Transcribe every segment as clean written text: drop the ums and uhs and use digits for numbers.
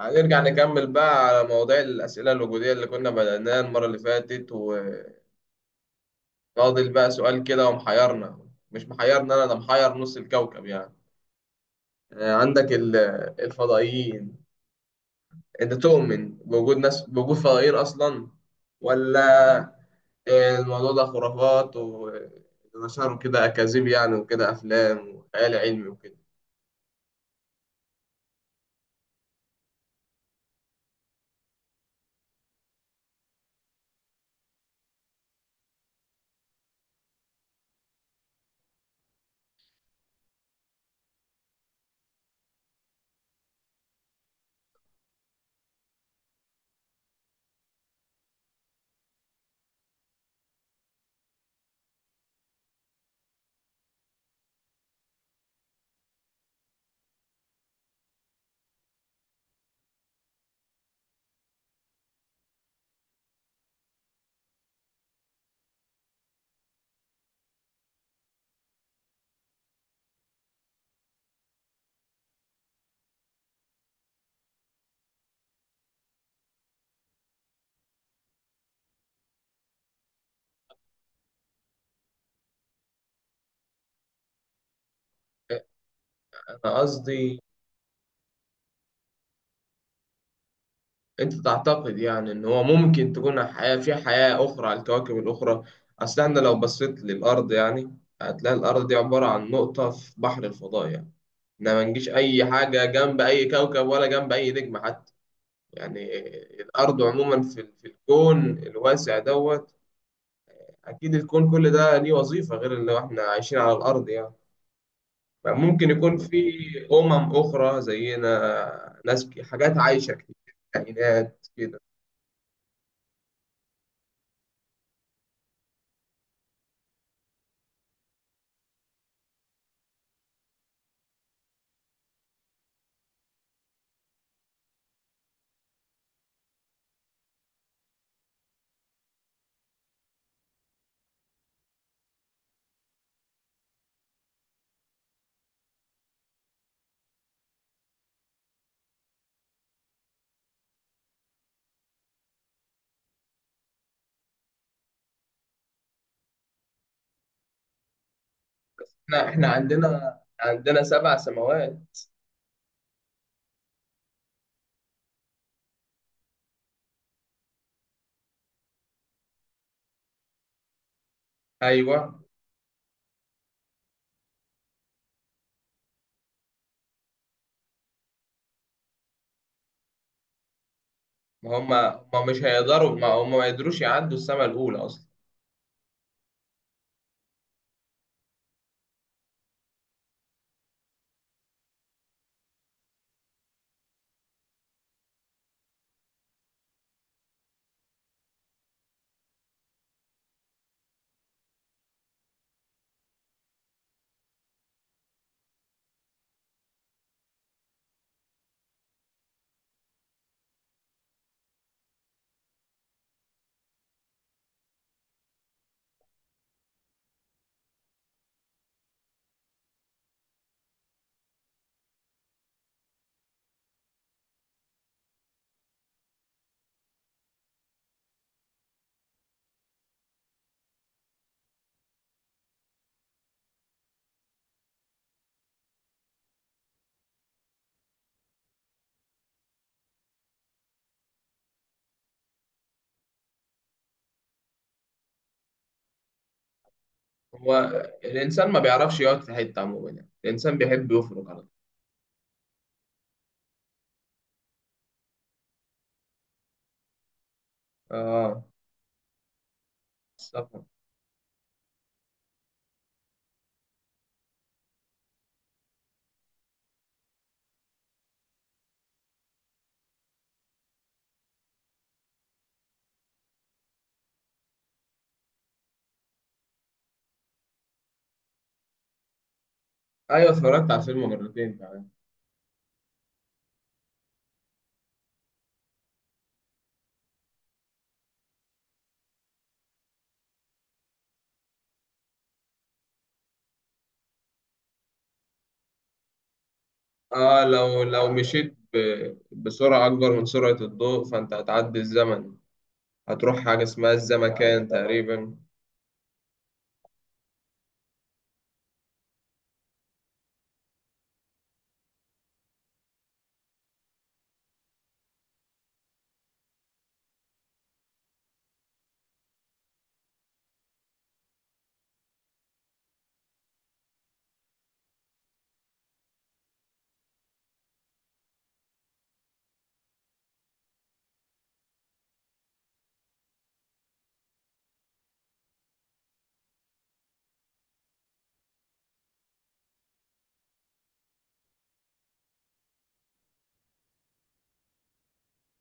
هنرجع نكمل بقى على مواضيع الأسئلة الوجودية اللي كنا بدأناها المرة اللي فاتت وناضل بقى سؤال كده، ومحيرنا مش محيرنا، أنا ده محير نص الكوكب يعني. عندك الفضائيين. أنت تؤمن بوجود بوجود فضائيين أصلا ولا؟ الموضوع ده خرافات ونشروا كده أكاذيب يعني، وكده أفلام وخيال علمي وكده. أنا قصدي انت تعتقد يعني ان هو ممكن تكون حياة في حياة اخرى على الكواكب الاخرى. اصل احنا لو بصيت للارض يعني هتلاقي الارض دي عبارة عن نقطة في بحر الفضاء يعني، إحنا ما نجيش اي حاجة جنب اي كوكب ولا جنب اي نجم حتى. يعني الارض عموما في الكون الواسع دوت. اكيد الكون كل ده ليه وظيفة غير اللي احنا عايشين على الارض يعني، فممكن يكون في اخرى زينا، ناس، حاجات عايشة كتير، كائنات كده. احنا عندنا 7 سماوات. ايوه. ما هم ما يقدروش يعدوا السماء الاولى اصلا. هو الانسان ما بيعرفش يقعد في حته عموما يعني، الانسان بيحب يفرق على طول. اه، السفر. ايوه، اتفرجت على الفيلم مرتين كمان. اه، لو بسرعه اكبر من سرعه الضوء فانت هتعدي الزمن، هتروح حاجه اسمها الزمكان تقريبا.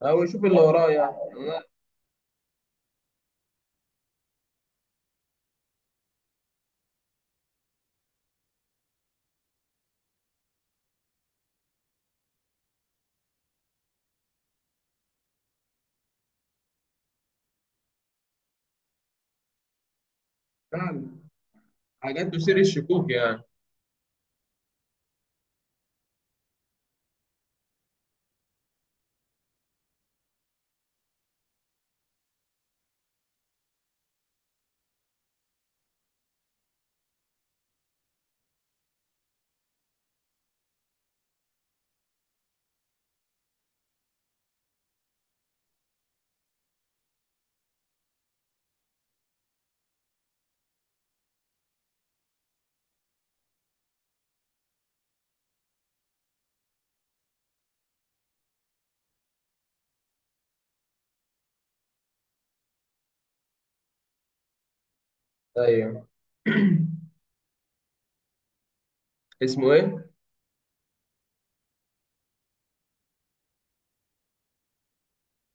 او يشوف اللي وراه يعني، لا فعلا. حاجات تثير الشكوك يعني. ايوه. اسمه ايه؟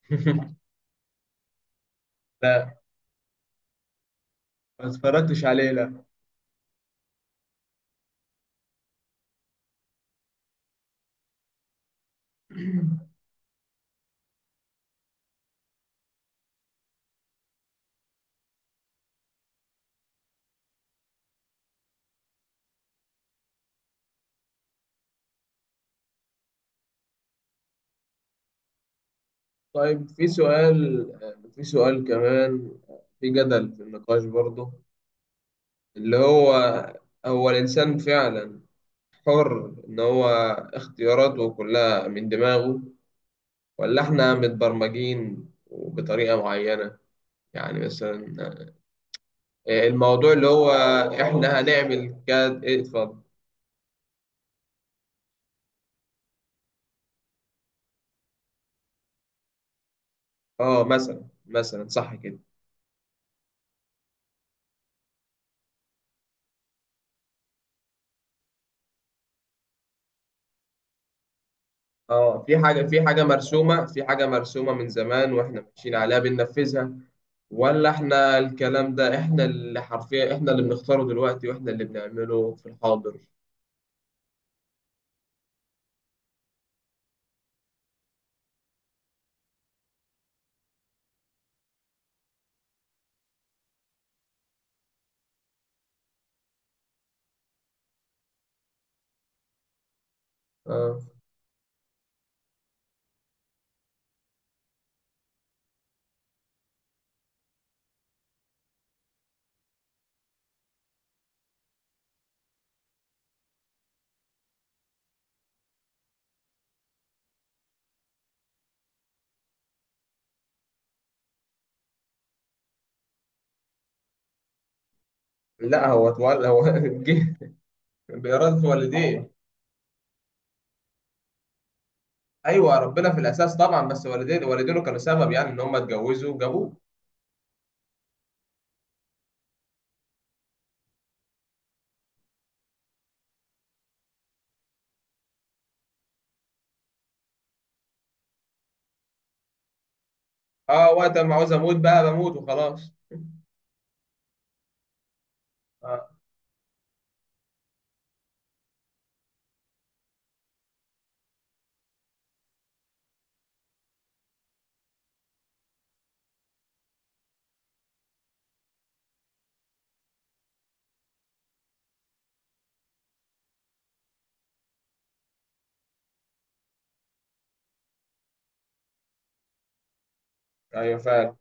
لا، ما اتفرجتش عليه لا. طيب في سؤال كمان. في جدل في النقاش برضه، اللي هو الإنسان فعلا حر إن هو اختياراته كلها من دماغه، ولا إحنا متبرمجين بطريقة معينة؟ يعني مثلا الموضوع اللي هو إحنا هنعمل كذا. إيه، اتفضل. اه، مثلا صح كده. اه، في حاجة مرسومة من زمان وإحنا ماشيين عليها بننفذها، ولا احنا الكلام ده احنا اللي حرفيا، احنا اللي بنختاره دلوقتي واحنا اللي بنعمله في الحاضر؟ آه. لا هو اتولى هو جه بإرادة والديه. ايوه، ربنا في الاساس طبعا، بس والديه والدينه كانوا سبب يعني ان هم اتجوزوا وجابوه. اه، وقت ما عاوز اموت بقى بموت وخلاص. آه. ايوه فعلا.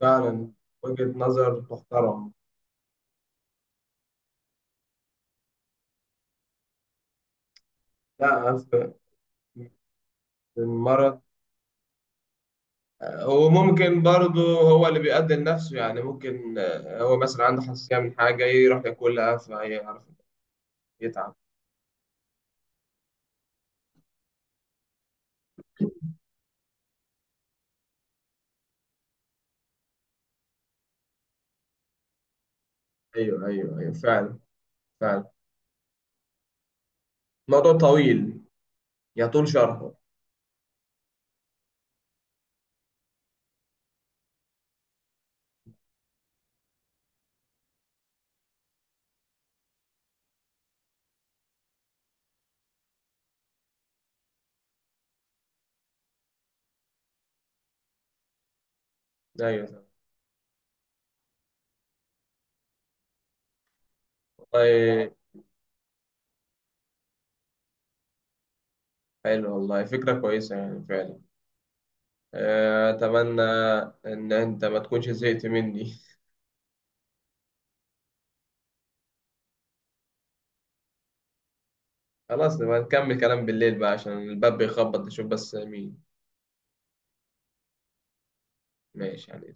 فعلا، وجهة نظر تحترم. لا، في المرض. وممكن برضه هو اللي بيقدم نفسه، يعني ممكن هو مثلا عنده حساسية من حاجة يروح ياكلها فيعرف يتعب. ايوه ايوه ايوه فعلا. فعلا. الموضوع طويل يطول شرحه. ايوه فعلا. والله، حلو والله، فكرة كويسة يعني فعلا. أتمنى إن أنت ما تكونش زهقت مني. خلاص نبقى نكمل كلام بالليل بقى عشان الباب بيخبط، نشوف بس مين. ماشي يعني